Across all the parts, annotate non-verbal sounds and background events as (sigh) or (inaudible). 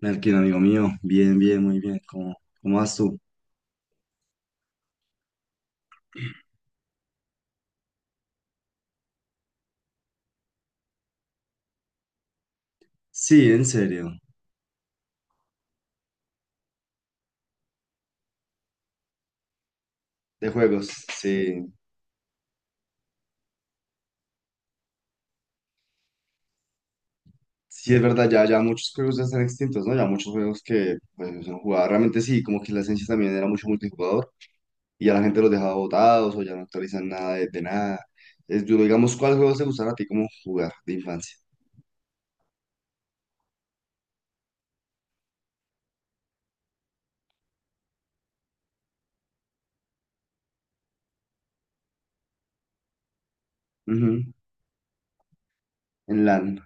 Melkin, amigo mío, bien, bien, muy bien. ¿Cómo vas tú? Sí, en serio. De juegos, sí. Sí, es verdad, ya, ya muchos juegos ya están extintos, ¿no? Ya muchos juegos que pues, no son jugados. Realmente sí, como que la esencia también era mucho multijugador y ya la gente los dejaba botados o ya no actualizan nada de nada. Es duro, digamos, ¿cuál juego te gustaba a ti como jugar de infancia? Ujú. En LAN.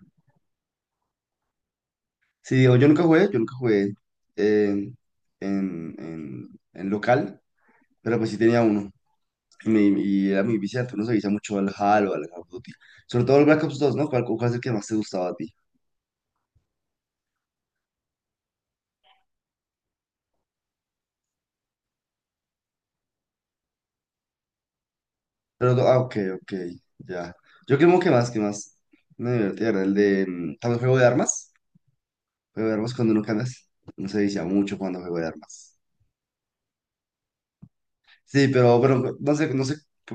Sí, digo, yo nunca jugué eh, en, en, en local, pero pues sí tenía uno. Y era muy viciante, uno se vicia mucho al HAL o al Call of Duty. Sobre todo el Black Ops dos, ¿no? ¿Cuál es el que más te gustaba a ti? Pero, ah, ok, ok, ya. Yo creo que más me divertía era el de también juego de armas. Juego de armas cuando uno cambia, no se vicia mucho cuando juego de armas. Sí, pero, pero no sé.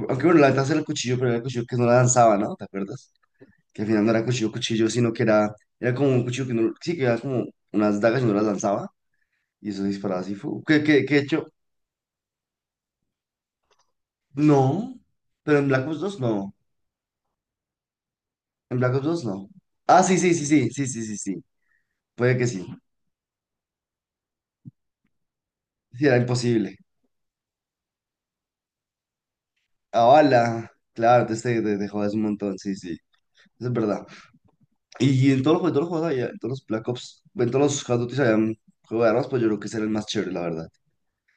Aunque bueno, la ventaja era el cuchillo, pero era el cuchillo que no la lanzaba, ¿no? ¿Te acuerdas? Que al final no era cuchillo, cuchillo, sino que era, era como un cuchillo que no, sí, que era como unas dagas y no las lanzaba. Y eso disparaba así. Fu. ¿Qué hecho? No, pero en Black Ops dos no. En Black Ops dos no. Ah, sí, sí, sí, sí, sí, sí, sí, sí. Puede que sí. Sí, era imposible. Ah, hola. Claro, te jodas un montón, sí, sí. Eso es verdad. Y en todos los, todos los juegos había, en todos los Black Ops, en todos los Call of Duty había un juego de armas, pues yo creo que ese era el más chévere, la verdad.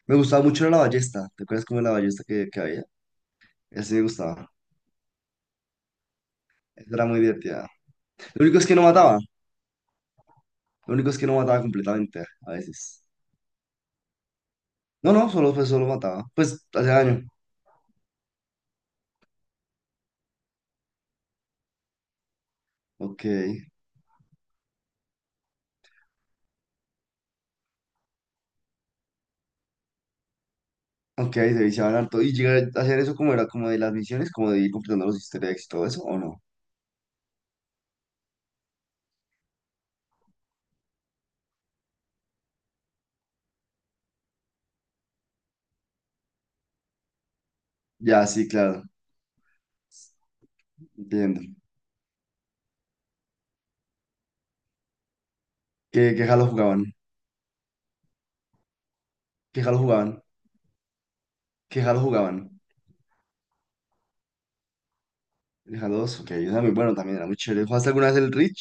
Me gustaba mucho era la ballesta. ¿Te acuerdas cómo era la ballesta que había? Ese me gustaba. Esa era muy divertida. Lo único es que no mataba. Lo único es que no mataba completamente, a veces. No, no, solo, pues, solo mataba. Pues, hace daño. Ok. Ok, se viciaban harto. ¿Y llegar a hacer eso como era como de las misiones, como de ir completando los easter eggs y todo eso, o no? Ya, sí, claro, entiendo. ¿Qué Halo jugaban? ¿Qué Halo jugaban? ¿Qué Halo jugaban? El Halo dos, ok, era muy bueno también, era muy chévere. ¿Jugaste alguna vez el Reach?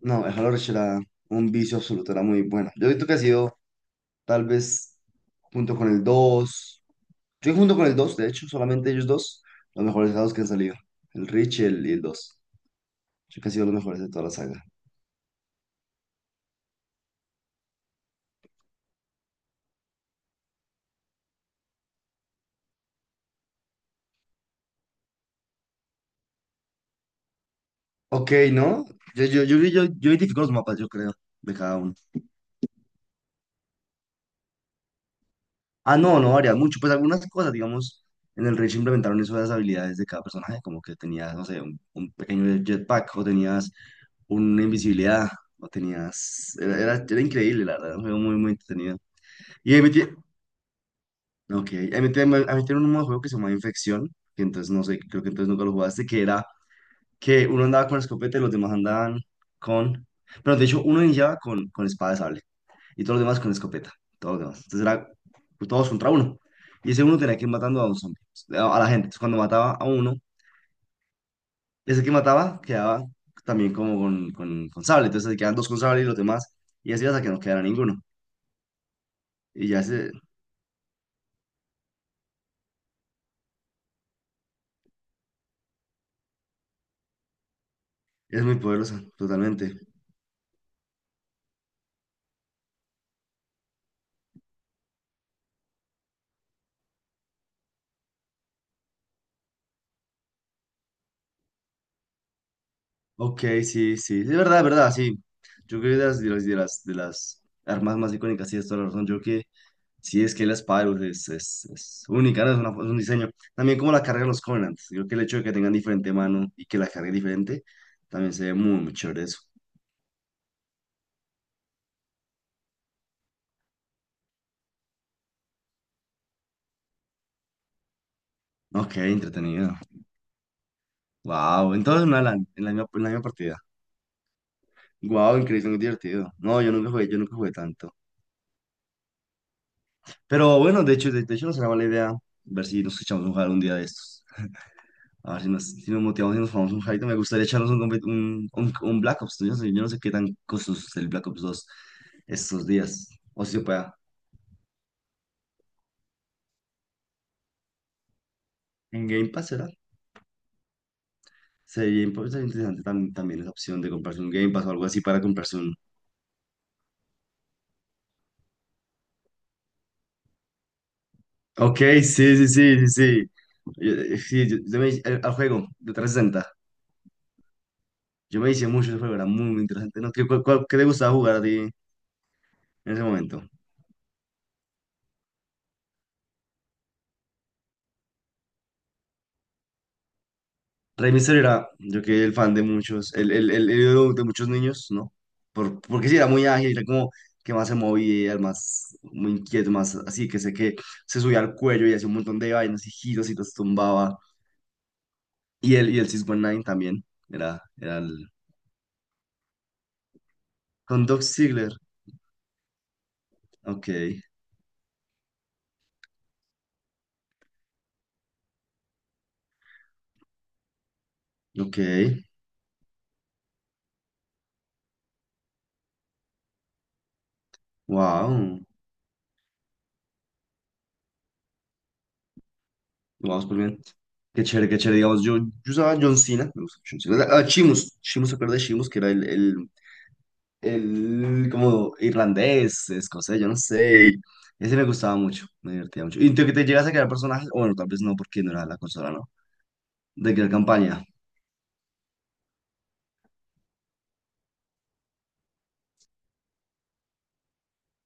No, el Halo Reach era un vicio absoluto, era muy bueno. Yo he visto que ha sido tal vez junto con el dos, yo junto con el 2 de hecho, solamente ellos dos, los mejores Halos que han salido. El Reach y el 2. Yo creo que ha sido los mejores de todas las sagas. Ok, ¿no? Yo identifico los mapas, yo creo, de cada uno. Ah, no, no varía mucho. Pues algunas cosas, digamos, en el Rage implementaron eso de las habilidades de cada personaje, como que tenías, no sé, un pequeño jetpack, o tenías una invisibilidad, o tenías. Era increíble, la verdad, era un juego muy, muy entretenido. Y ahí metí, ok, ahí metí, a mí un modo de juego que se llama Infección, que entonces no sé, creo que entonces nunca lo jugaste, que era que uno andaba con escopeta y los demás andaban con. Pero de hecho, uno iniciaba con espada de sable, y todos los demás con escopeta, todos los demás. Entonces era pues, todos contra uno. Y ese uno tenía que ir matando a un zombie, a la gente. Entonces cuando mataba a uno, ese que mataba quedaba también como con sable. Entonces se quedan dos con sable y los demás, y así hasta que no quedara ninguno. Y ya se, es muy poderosa, totalmente. Ok, sí, sí, es verdad, sí. Yo creo que de las de las armas más icónicas, sí, es toda la razón. Yo creo. Sí, es que la espada de luz es única, ¿no? Es, es un diseño. También como la cargan los Covenants. Creo que el hecho de que tengan diferente mano y que la cargue diferente, también se ve muy, muy chévere eso. Ok, entretenido. Wow, entonces una LAN, en la misma partida. Wow, increíble, muy divertido. No, yo nunca jugué tanto. Pero bueno, de hecho no será mala idea ver si nos echamos un jugar un día de estos. A ver si nos, si nos motivamos y nos jugamos un jueguito. Me gustaría echarnos un, un, un Black Ops. Yo no sé qué tan costoso es el Black Ops dos estos días. O si se pueda. En Game Pass será. Sería sería interesante también esa opción de comprarse un Game Pass o algo así para comprarse un. Ok, sí, sí, sí, sí, sí. Yo, sí, yo- yo me al juego de 360. Yo me hice mucho ese juego, era muy, muy interesante. ¿No? ¿Qué, qué te gustaba jugar a ti en ese momento? Rey Mysterio era, yo que el fan de muchos, el ídolo de muchos niños, ¿no? Por, porque sí, era muy ágil, era como que más se movía, el más, muy inquieto, más así, que sé que se subía al cuello y hacía un montón de vainas y giros y los tumbaba. Y el 619 también. Era, era el. Con Doc Ziegler. Ok, ok. Wow. Wow, súper bien. Qué chévere, qué chévere. Digamos, yo usaba John Cena. Me gusta John Cena. Ah, Sheamus. Sheamus, ¿se acuerda de Sheamus? Que era el como irlandés, escocés, yo no sé. Ese me gustaba mucho. Me divertía mucho. ¿Y tú que te llegas a crear personajes? O bueno, tal vez no, porque no era la consola, ¿no? De crear campaña.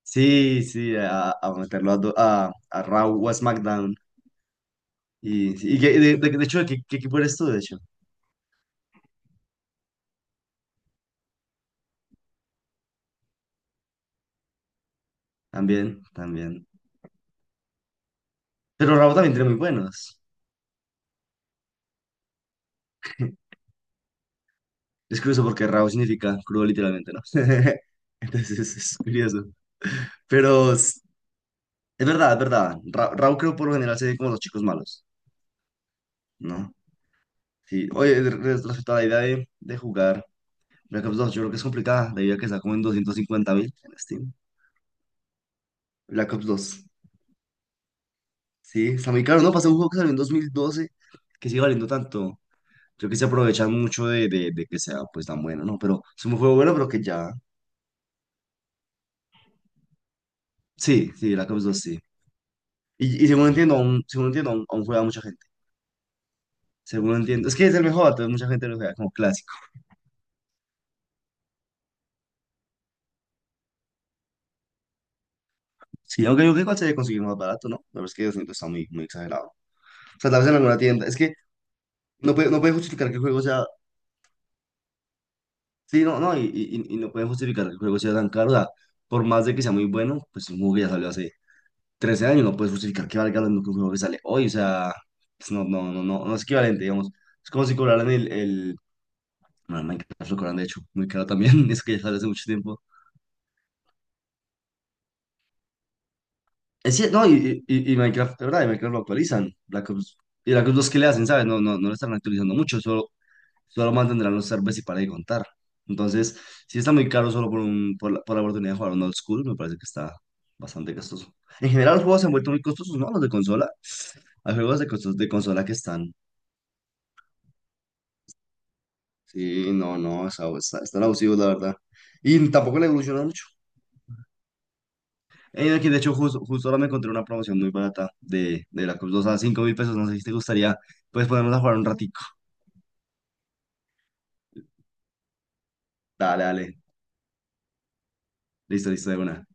Sí, sí, a meterlo a, a Raw o a SmackDown. Y, sí, y de hecho, ¿qué equipo eres tú, de hecho? También, también. Pero Rabo también tiene muy buenos. (laughs) Es curioso porque Rabo significa crudo literalmente, ¿no? (laughs) Entonces es curioso. Pero es verdad, es verdad. Rabo creo por lo general se ve como los chicos malos, ¿no? Sí. Oye, respecto a la idea de jugar Black Ops dos, yo creo que es complicada, debido a que está como en 250.000 en Steam. Black Ops 2. Sí, está muy caro, ¿no? Pasé un juego que salió en 2012 que sigue valiendo tanto. Creo que se aprovechan mucho de, de que sea pues tan bueno, ¿no? Pero es un juego bueno, pero que ya. Sí, sí, la Cops 2 sí. Y según entiendo, aún, aún juega mucha gente. Según entiendo. Es que es el mejor, entonces mucha gente lo juega como clásico. Sí, aunque yo creo que igual se debe conseguir más barato, ¿no? La verdad es que 200 está muy, muy exagerado. O sea, tal vez en alguna tienda. Es que no puede, no puede justificar que el juego sea. Sí, no, no, y no pueden justificar que el juego sea tan caro. O sea, por más de que sea muy bueno, pues es un juego que ya salió hace 13 años, no puedes justificar que valga lo mismo que un juego que sale hoy, o sea, pues no es equivalente, digamos. Es como si cobraran bueno, Minecraft lo cobran, de hecho, muy caro también, (laughs) eso que ya sale hace mucho tiempo. Es cierto, no, y Minecraft, de verdad, y Minecraft lo actualizan. Black Ops, y Black Ops 2 que le hacen, ¿sabes? No, no, no lo están actualizando mucho, solo, solo mantendrán los servers y para de contar. Entonces, si está muy caro solo por, por la oportunidad de jugar un old school, me parece que está bastante costoso. En general, los juegos se han vuelto muy costosos, ¿no? Los de consola. Hay juegos de, de consola que están. Sí, no, no, están abusivos, la verdad. Y tampoco le evolucionan mucho. Aquí, de hecho, justo, justo ahora me encontré una promoción muy barata de la Cruz 2 a 5 mil pesos. No sé si te gustaría, pues ponernos a jugar un ratico. Dale, dale. Listo, listo, de una.